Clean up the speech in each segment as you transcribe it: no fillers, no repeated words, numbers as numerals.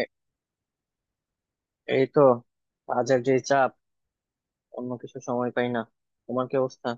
এ- এই তো। কাজের যে চাপ, অন্য কিছু সময় পাই না। তোমার কি অবস্থা?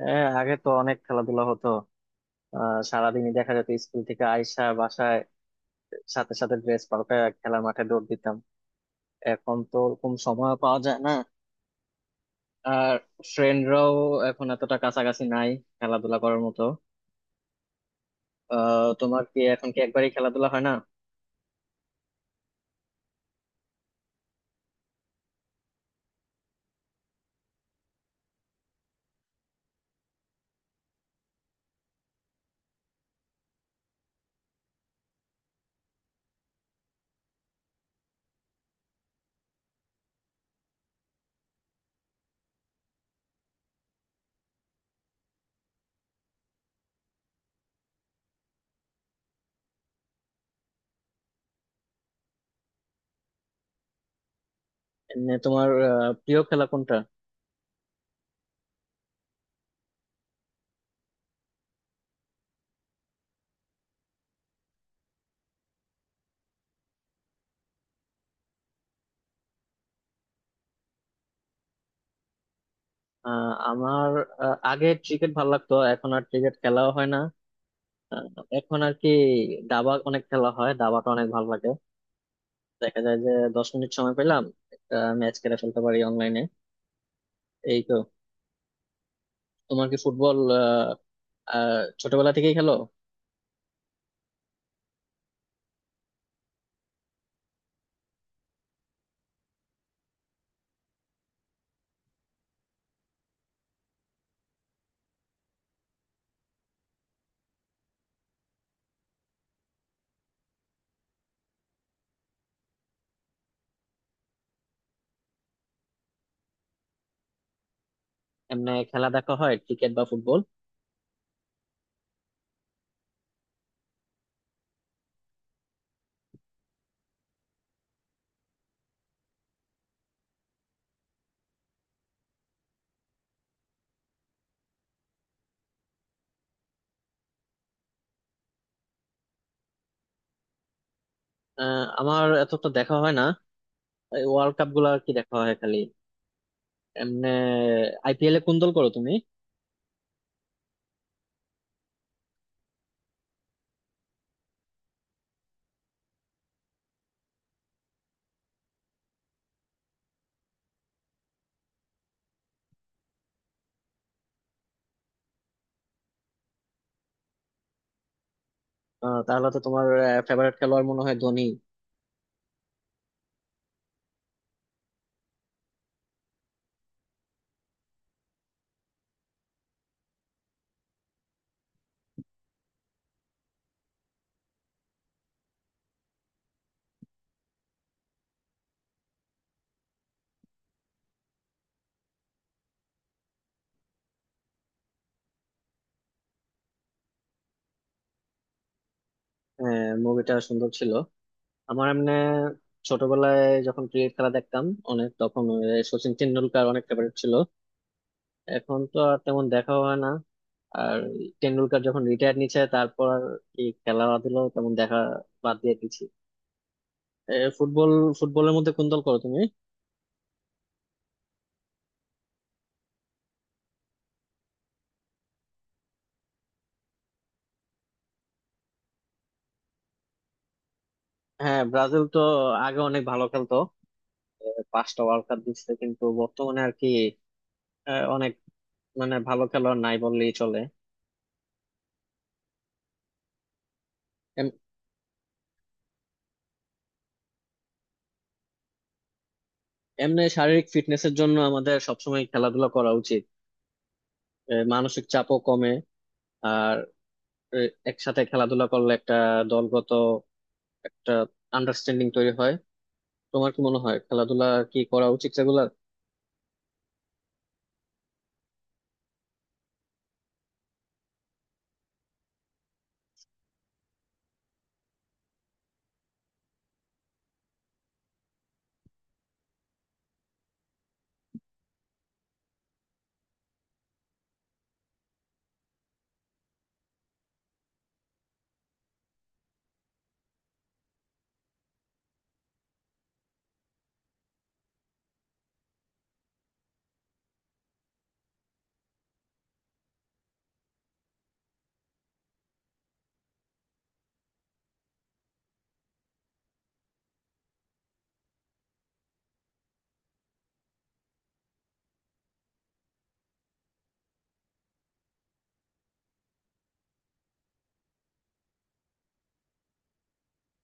হ্যাঁ, আগে তো অনেক খেলাধুলা হতো। সারাদিনই দেখা যেত স্কুল থেকে আইসা বাসায় সাথে সাথে ড্রেস পাল্টায় খেলার মাঠে দৌড় দিতাম। এখন তো ওরকম সময় পাওয়া যায় না। আর ফ্রেন্ডরাও এখন এতটা কাছাকাছি নাই খেলাধুলা করার মতো। তোমার কি এখন কি একবারই খেলাধুলা হয় না? এমনি তোমার প্রিয় খেলা কোনটা? আমার আগে ক্রিকেট ভালো লাগতো, এখন আর ক্রিকেট খেলাও হয় না। আহ, এখন আর কি দাবা অনেক খেলা হয়, দাবাটা অনেক ভালো লাগে। দেখা যায় যে 10 মিনিট সময় পেলাম একটা ম্যাচ খেলে ফেলতে পারি অনলাইনে। এই তো। তোমার কি ফুটবল আহ, আহ, ছোটবেলা থেকেই খেলো? এমনি খেলা দেখা হয় ক্রিকেট বা ফুটবল? আমার এত তো দেখা হয় না। ওয়ার্ল্ড কাপ গুলো আর কি দেখা হয় খালি। এমনি আইপিএল এ কোন দল করো তুমি? তাহলে তো তোমার ফেভারিট খেলোয়াড় মনে হয় ধোনি? আহ মুভিটা সুন্দর ছিল। আমার এমনি ছোটবেলায় যখন ক্রিকেট খেলা দেখতাম অনেক, তখন ওই সচিন টেন্ডুলকার অনেক ফেভারিট ছিল। এখন তো আর তেমন দেখা হয় না। আর টেন্ডুলকার যখন রিটায়ার নিচ্ছে তারপর আর কি খেলাধুলো তেমন দেখা বাদ দিয়ে দিচ্ছি। ফুটবল, ফুটবলের মধ্যে কোন দল করো তুমি? হ্যাঁ, ব্রাজিল তো আগে অনেক ভালো খেলতো। 5টা ওয়ার্ল্ড কাপ জিতছে, কিন্তু বর্তমানে আর কি অনেক মানে ভালো খেলোয়াড় নাই বললেই চলে। এম- এমনি শারীরিক ফিটনেসের জন্য আমাদের সবসময় খেলাধুলা করা উচিত। মানসিক চাপও কমে। আর এ, একসাথে খেলাধুলা করলে একটা দলগত একটা আন্ডারস্ট্যান্ডিং তৈরি হয়। তোমার কি মনে হয় খেলাধুলা কি করা উচিত রেগুলার?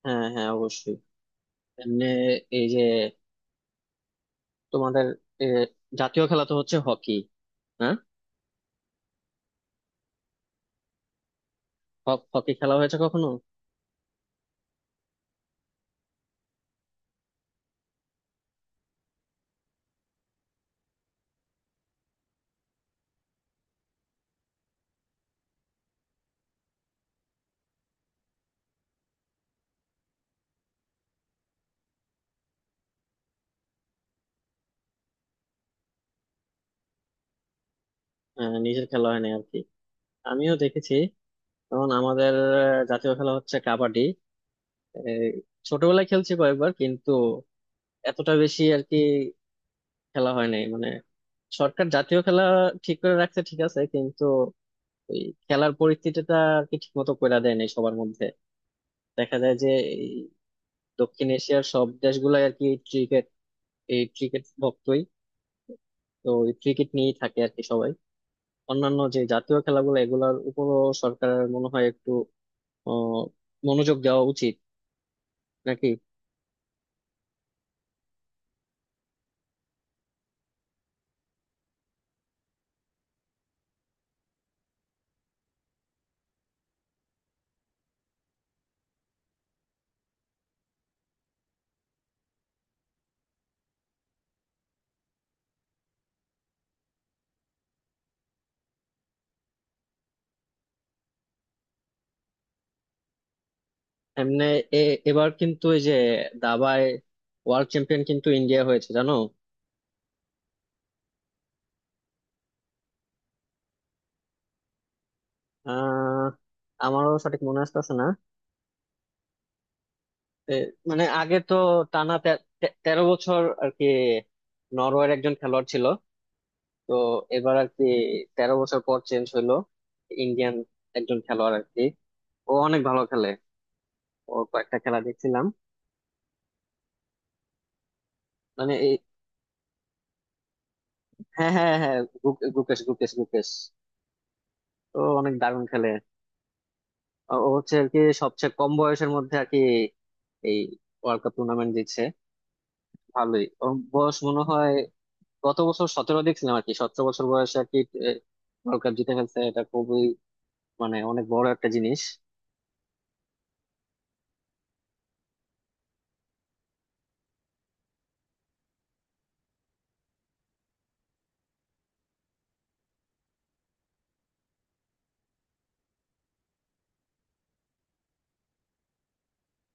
হ্যাঁ, হ্যাঁ, অবশ্যই। এমনি এই যে তোমাদের এ, জাতীয় খেলা তো হচ্ছে হকি। হ্যাঁ। হকি খেলা হয়েছে কখনো? হ্যাঁ, নিজের খেলা হয়নি আর কি। আমিও দেখেছি, কারণ আমাদের জাতীয় খেলা হচ্ছে কাবাডি। এই, ছোটবেলায় খেলছি কয়েকবার কিন্তু এতটা বেশি আর কি খেলা হয় নাই মানে। সরকার জাতীয় খেলা ঠিক করে রাখছে ঠিক আছে, কিন্তু ওই খেলার পরিস্থিতিটা আর কি ঠিক মতো করে দেয় নাই সবার মধ্যে। দেখা যায় যে এই দক্ষিণ এশিয়ার সব দেশগুলাই আর কি ক্রিকেট, এই ক্রিকেট ভক্তই। তো এই ক্রিকেট নিয়েই থাকে আর কি সবাই। অন্যান্য যে জাতীয় খেলাগুলো এগুলার উপরও সরকারের মনে হয় একটু আহ মনোযোগ দেওয়া উচিত, নাকি? এমনি এ এবার কিন্তু এই যে দাবায় ওয়ার্ল্ড চ্যাম্পিয়ন কিন্তু ইন্ডিয়া হয়েছে জানো? আহ আমারও সঠিক মনে আসতেছে না। এ, মানে আগে তো টানা তে- তে- 13 বছর আর কি নরওয়ের একজন খেলোয়াড় ছিল। তো এবার আর কি 13 বছর পর চেঞ্জ হইলো, ইন্ডিয়ান একজন খেলোয়াড় আর কি। ও অনেক ভালো খেলে, ওর কয়েকটা খেলা দেখছিলাম। মানে এই হ্যাঁ, হ্যাঁ, হ্যাঁ, গুকেশ, গুকেশ, গুকেশ। তো অনেক দারুণ খেলে। ও ও হচ্ছে আর কি সবচেয়ে কম বয়সের মধ্যে আর কি এই ওয়ার্ল্ড কাপ টুর্নামেন্ট জিতছে। ভালোই, ওর বয়স মনে হয় গত বছর 17 দেখছিলাম আর কি। 17 বছর বয়সে আর কি এ, ওয়ার্ল্ড কাপ জিতে ফেলছে। এটা খুবই মানে অনেক বড় একটা জিনিস।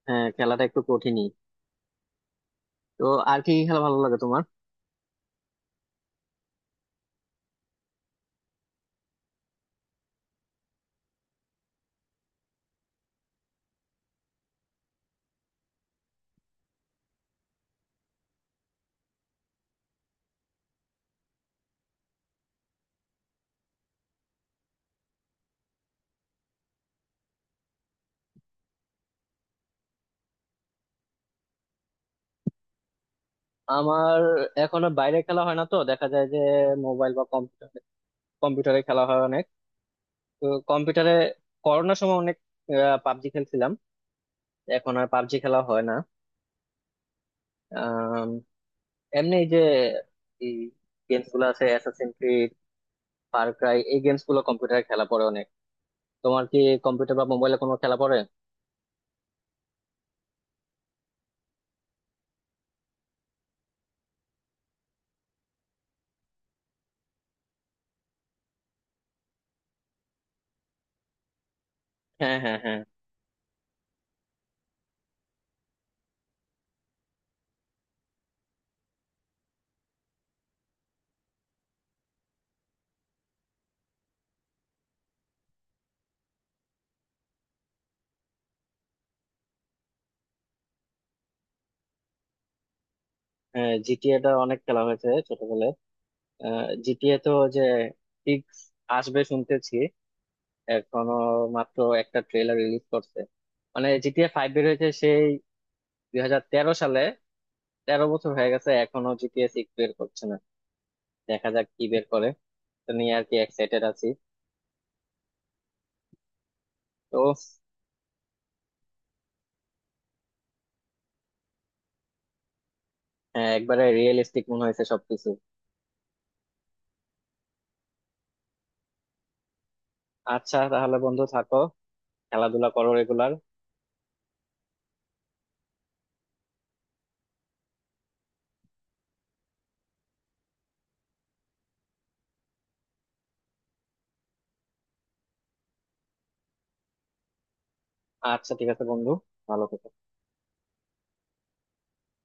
হ্যাঁ, খেলাটা একটু কঠিনই। তো আর কি কি খেলা ভালো লাগে তোমার? আমার এখনো বাইরে খেলা হয় না তো, দেখা যায় যে মোবাইল বা কম্পিউটারে কম্পিউটারে খেলা হয় অনেক। তো কম্পিউটারে করোনার সময় অনেক পাবজি খেলছিলাম, এখন আর পাবজি খেলা হয় না। আম, এমনি এই যে এই গেমস গুলো আছে অ্যাসাসিন ক্রিড, ফার ক্রাই, এই গেমস গুলো কম্পিউটারে খেলা পড়ে অনেক। তোমার কি কম্পিউটার বা মোবাইলে কোনো খেলা পড়ে? হ্যাঁ, হ্যাঁ, হ্যাঁ। হ্যাঁ, জিটিএ টা অনেক খেলা হয়েছে ছোটবেলায়। জিটিএ তো যে সিক্স আসবে শুনতেছি এখনো, মাত্র একটা ট্রেলার রিলিজ করছে। মানে জিটিএ ফাইভ বের হয়েছে সেই 2013 সালে, 13 বছর হয়ে গেছে, এখনো জিটিএ সিক্স বের করছে না। দেখা যাক কি বের করে। তো নিয়ে আর কি এক্সাইটেড আছি তো। হ্যাঁ, একবারে রিয়েলিস্টিক মনে হয়েছে সবকিছু। আচ্ছা তাহলে বন্ধু থাকো, খেলাধুলা করো রেগুলার। আচ্ছা ঠিক আছে বন্ধু, ভালো থেকো।